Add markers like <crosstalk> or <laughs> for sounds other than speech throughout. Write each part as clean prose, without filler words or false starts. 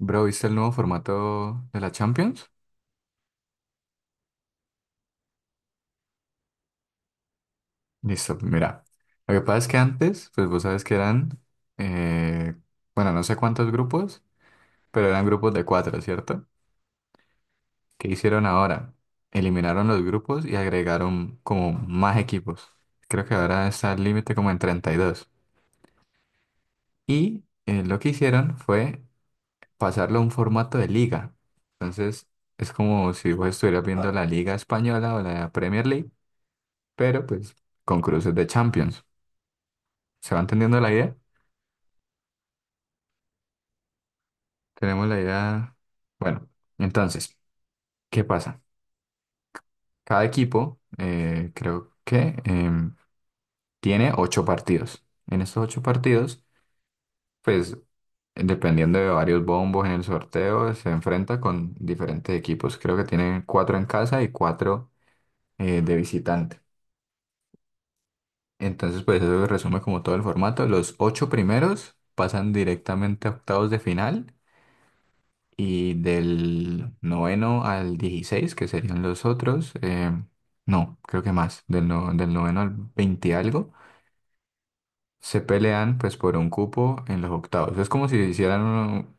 Bro, ¿viste el nuevo formato de la Champions? Listo, mira. Lo que pasa es que antes, pues vos sabes que eran, eh, bueno, no sé cuántos grupos, pero eran grupos de cuatro, ¿cierto? ¿Qué hicieron ahora? Eliminaron los grupos y agregaron como más equipos. Creo que ahora está el límite como en 32. Y dos. Y lo que hicieron fue pasarlo a un formato de liga. Entonces, es como si vos estuvieras viendo la Liga Española o la Premier League, pero pues con cruces de Champions. ¿Se va entendiendo la idea? Tenemos la idea. Bueno, entonces, ¿qué pasa? Cada equipo, creo que tiene ocho partidos. En estos ocho partidos, pues, dependiendo de varios bombos en el sorteo, se enfrenta con diferentes equipos. Creo que tienen cuatro en casa y cuatro de visitante. Entonces, pues, eso resume como todo el formato. Los ocho primeros pasan directamente a octavos de final. Y del noveno al 16 que serían los otros, no, creo que más, del, no- del noveno al 20 y algo, se pelean pues por un cupo en los octavos. Es como si hicieran un,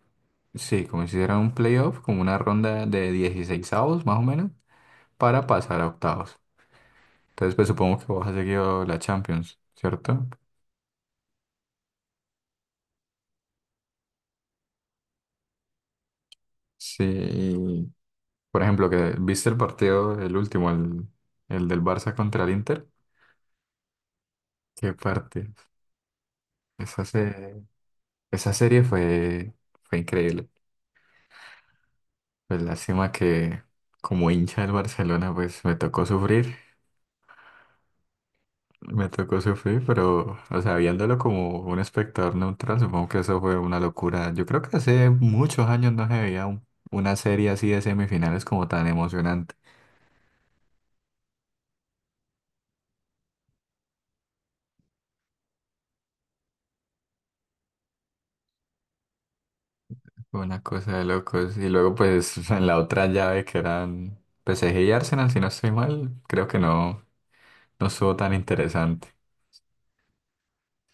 sí, como si hicieran un playoff, como una ronda de 16avos más o menos, para pasar a octavos. Entonces pues supongo que vos has seguido la Champions, ¿cierto? Sí, y, por ejemplo, que viste el partido, el último, el del Barça contra el Inter. ¿Qué parte? Eso se. Esa serie fue increíble. Pues lástima que como hincha del Barcelona, pues me tocó sufrir, pero, o sea, viéndolo como un espectador neutral, supongo que eso fue una locura. Yo creo que hace muchos años no se veía una serie así de semifinales como tan emocionante. Fue una cosa de locos. Y luego, pues, <laughs> en la otra llave que eran PSG y Arsenal, si no estoy mal, creo que no, no estuvo tan interesante.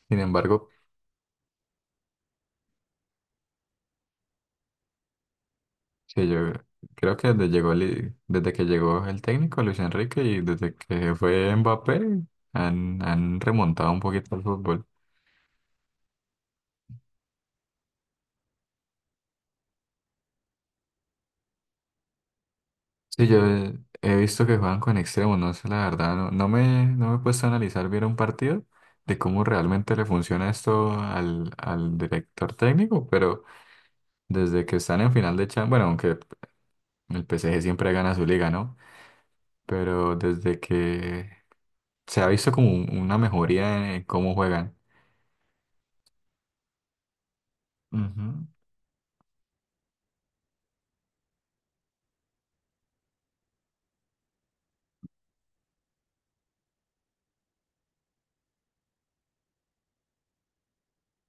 Sin embargo, sí, yo creo que desde que llegó el técnico Luis Enrique y desde que fue Mbappé han remontado un poquito el fútbol. Sí, yo he visto que juegan con extremos, no sé, la verdad, no, no me he puesto a analizar bien un partido de cómo realmente le funciona esto al director técnico, pero desde que están en final de Champions, bueno, aunque el PSG siempre gana su liga, ¿no? Pero desde que se ha visto como una mejoría en cómo juegan. Ujú.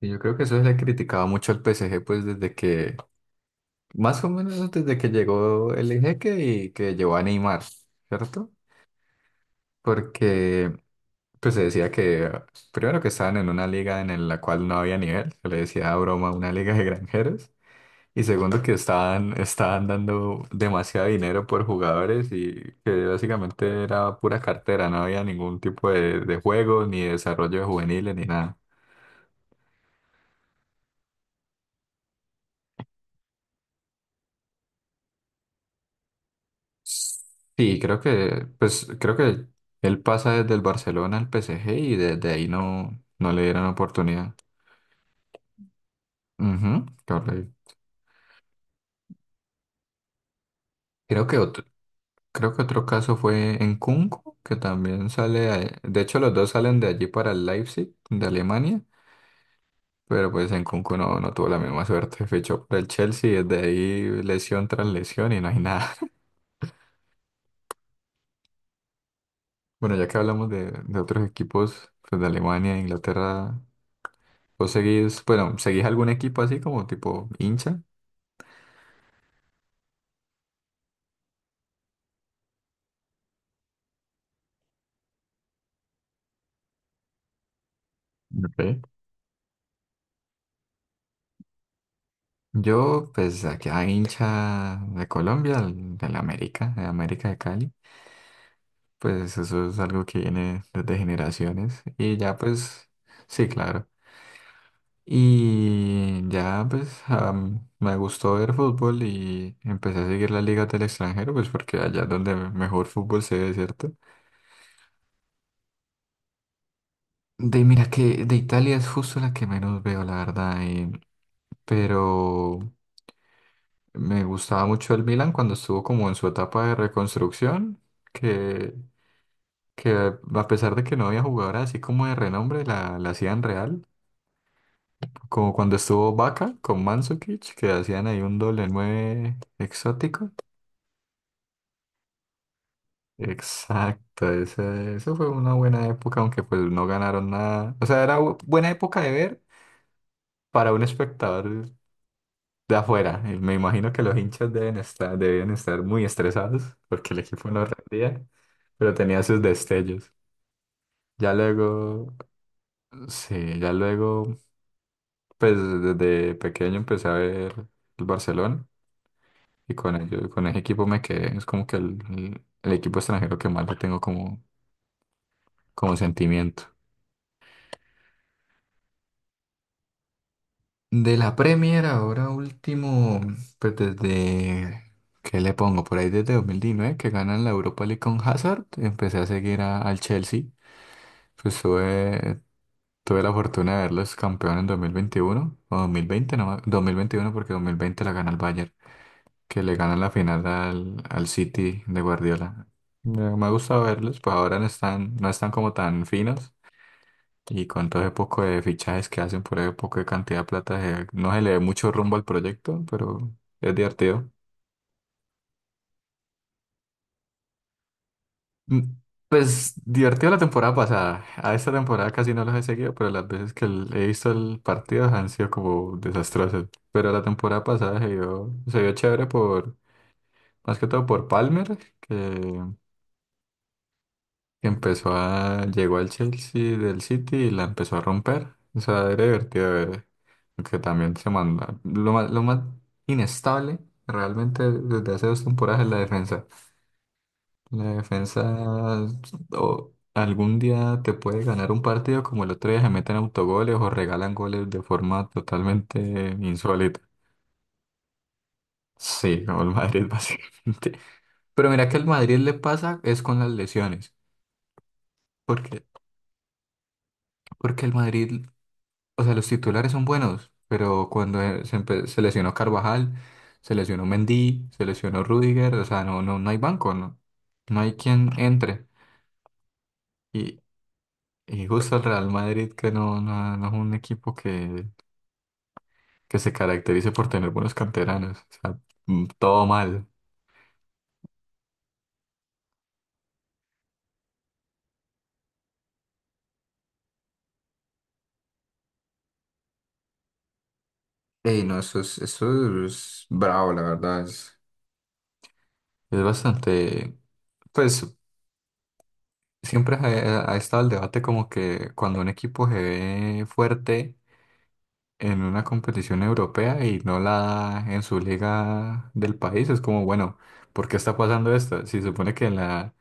Y yo creo que eso se le criticaba mucho al PSG, pues desde que, más o menos desde que llegó el Ejeque y que llegó a Neymar, ¿cierto? Porque pues se decía que, primero que estaban en una liga en la cual no había nivel, se le decía a broma una liga de granjeros, y segundo que estaban dando demasiado dinero por jugadores y que básicamente era pura cartera, no había ningún tipo de juego, ni desarrollo de juveniles, ni nada. Sí, creo que él pasa desde el Barcelona al P S G y desde ahí no, no le dieron oportunidad. Ujú, correcto. Creo que otro, creo que otro caso fue en Kunku, que también sale, de hecho los dos salen de allí para el Leipzig, de Alemania, pero pues en Kunku no, no tuvo la misma suerte, fichó por el Chelsea y desde ahí lesión tras lesión y no hay nada. <laughs> Bueno, ya que hablamos de otros equipos pues, de Alemania e Inglaterra, ¿Vos bueno, seguís algún equipo así como tipo hincha? Ok. Yo, pues, aquí a hincha de Colombia, del América de Cali. Pues eso es algo que viene desde generaciones. Y ya, pues, sí, claro. Y ya, pues, me gustó ver fútbol y empecé a seguir las ligas del extranjero, pues, porque allá es donde mejor fútbol se ve, ¿cierto? Mira que de Italia es justo la que menos veo, la verdad. Pero. Me gustaba mucho el Milan cuando estuvo como en su etapa de reconstrucción, que, que a pesar de que no había jugadores así como de renombre, la hacían real. Como cuando estuvo Vaca con Mandzukic, que hacían ahí un doble nueve exótico. Exacto, eso fue una buena época, aunque pues no ganaron nada. O sea, era buena época de ver para un espectador de afuera. Y me imagino que los hinchas deben estar, debían estar muy estresados porque el equipo no rendía, pero tenía sus destellos. Ya luego, sí, ya luego, pues desde pequeño empecé a ver el Barcelona y con ello, con ese equipo me quedé. Es como que el equipo extranjero que más le tengo como sentimiento. De la Premier ahora último, pues ¿qué le pongo? Por ahí desde 2019 que ganan la Europa League con Hazard, empecé a seguir al Chelsea. Pues tuve la fortuna de verlos campeón en 2021 o 2020, no, 2021 porque 2020 la gana el Bayern, que le gana la final al City de Guardiola. Me ha gustado verlos, pues ahora no están como tan finos y con todo ese poco de fichajes que hacen por ese poco de cantidad de plata, no se le ve mucho rumbo al proyecto, pero es divertido. Mm, Pues divertido la temporada pasada. A esta temporada casi no los he seguido, pero las veces que he visto el partido han sido como desastrosas. Pero la temporada pasada se vio chévere por, más que todo por Palmer, que llegó al Chelsea del City y la empezó a romper. O sea, era divertido de ver. Aunque también se manda. Lo más inestable realmente desde hace dos temporadas es la defensa. La defensa o algún día te puede ganar un partido como el otro día se meten autogoles o regalan goles de forma totalmente insólita. Sí, como el Madrid <laughs> básicamente. Pero mira que el Madrid le pasa es con las lesiones. Porque, porque el Madrid, o sea, los titulares son buenos, pero cuando se lesionó Carvajal, se lesionó Mendy, se lesionó Rüdiger o sea, no hay banco, no hay quien entre. Y justo el Real Madrid, que no es un equipo que se caracterice por tener buenos canteranos. O sea, todo mal. Ey, no, eso es bravo, la verdad. Es bastante. Pues siempre ha estado el debate como que cuando un equipo se ve fuerte en una competición europea y no la da en su liga del país, es como, bueno, ¿por qué está pasando esto? Si se supone que en la,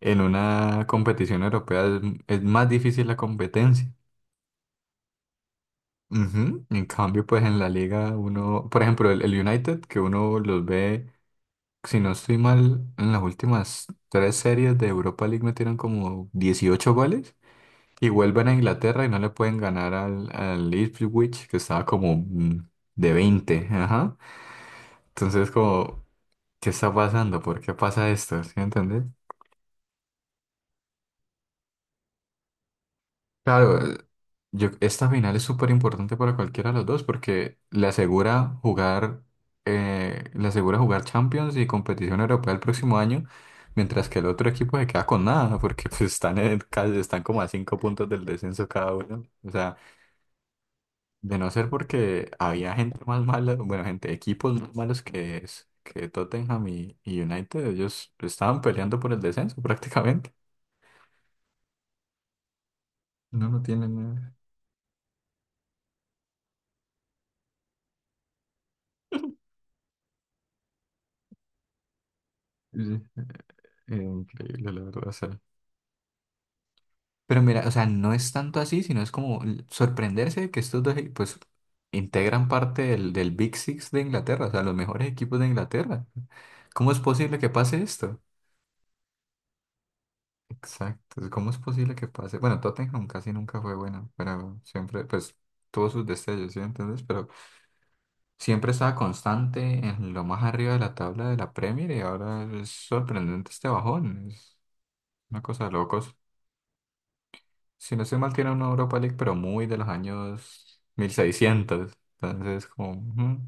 En una competición europea es más difícil la competencia. Ujú. En cambio, pues en la liga uno, por ejemplo, el United, que uno los ve, si no estoy mal, en las últimas tres series de Europa League metieron como 18 goles y vuelven a Inglaterra y no le pueden ganar al Ipswich, que estaba como de 20, Ajá. Entonces, como, ¿qué está pasando? ¿Por qué pasa esto? ¿Sí me entendés? Claro, Yo, esta final es súper importante para cualquiera de los dos porque le asegura jugar Champions y competición europea el próximo año, mientras que el otro equipo se queda con nada porque pues, están como a 5 puntos del descenso cada uno. O sea, de no ser porque había gente más mala, bueno, gente, equipos más malos que es que Tottenham y United, ellos estaban peleando por el descenso prácticamente. No, no tienen nada. Sí, increíble, la verdad. O sea, Pero mira, o sea, no es tanto así, sino es como sorprenderse de que estos dos, pues, integran parte del Big Six de Inglaterra, o sea, los mejores equipos de Inglaterra. ¿Cómo es posible que pase esto? Exacto, ¿cómo es posible que pase? Bueno, Tottenham casi nunca fue bueno, pero siempre, pues, tuvo sus destellos, ¿sí me entiendes? Pero siempre estaba constante en lo más arriba de la tabla de la Premier y ahora es sorprendente este bajón, es una cosa de locos. Si no estoy mal, tiene una Europa League, pero muy de los años 1600. Entonces, como, ujú,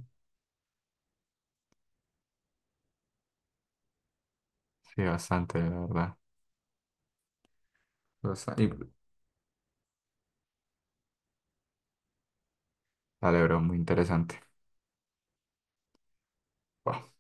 sí, bastante, la verdad. Y la de muy interesante. Wow.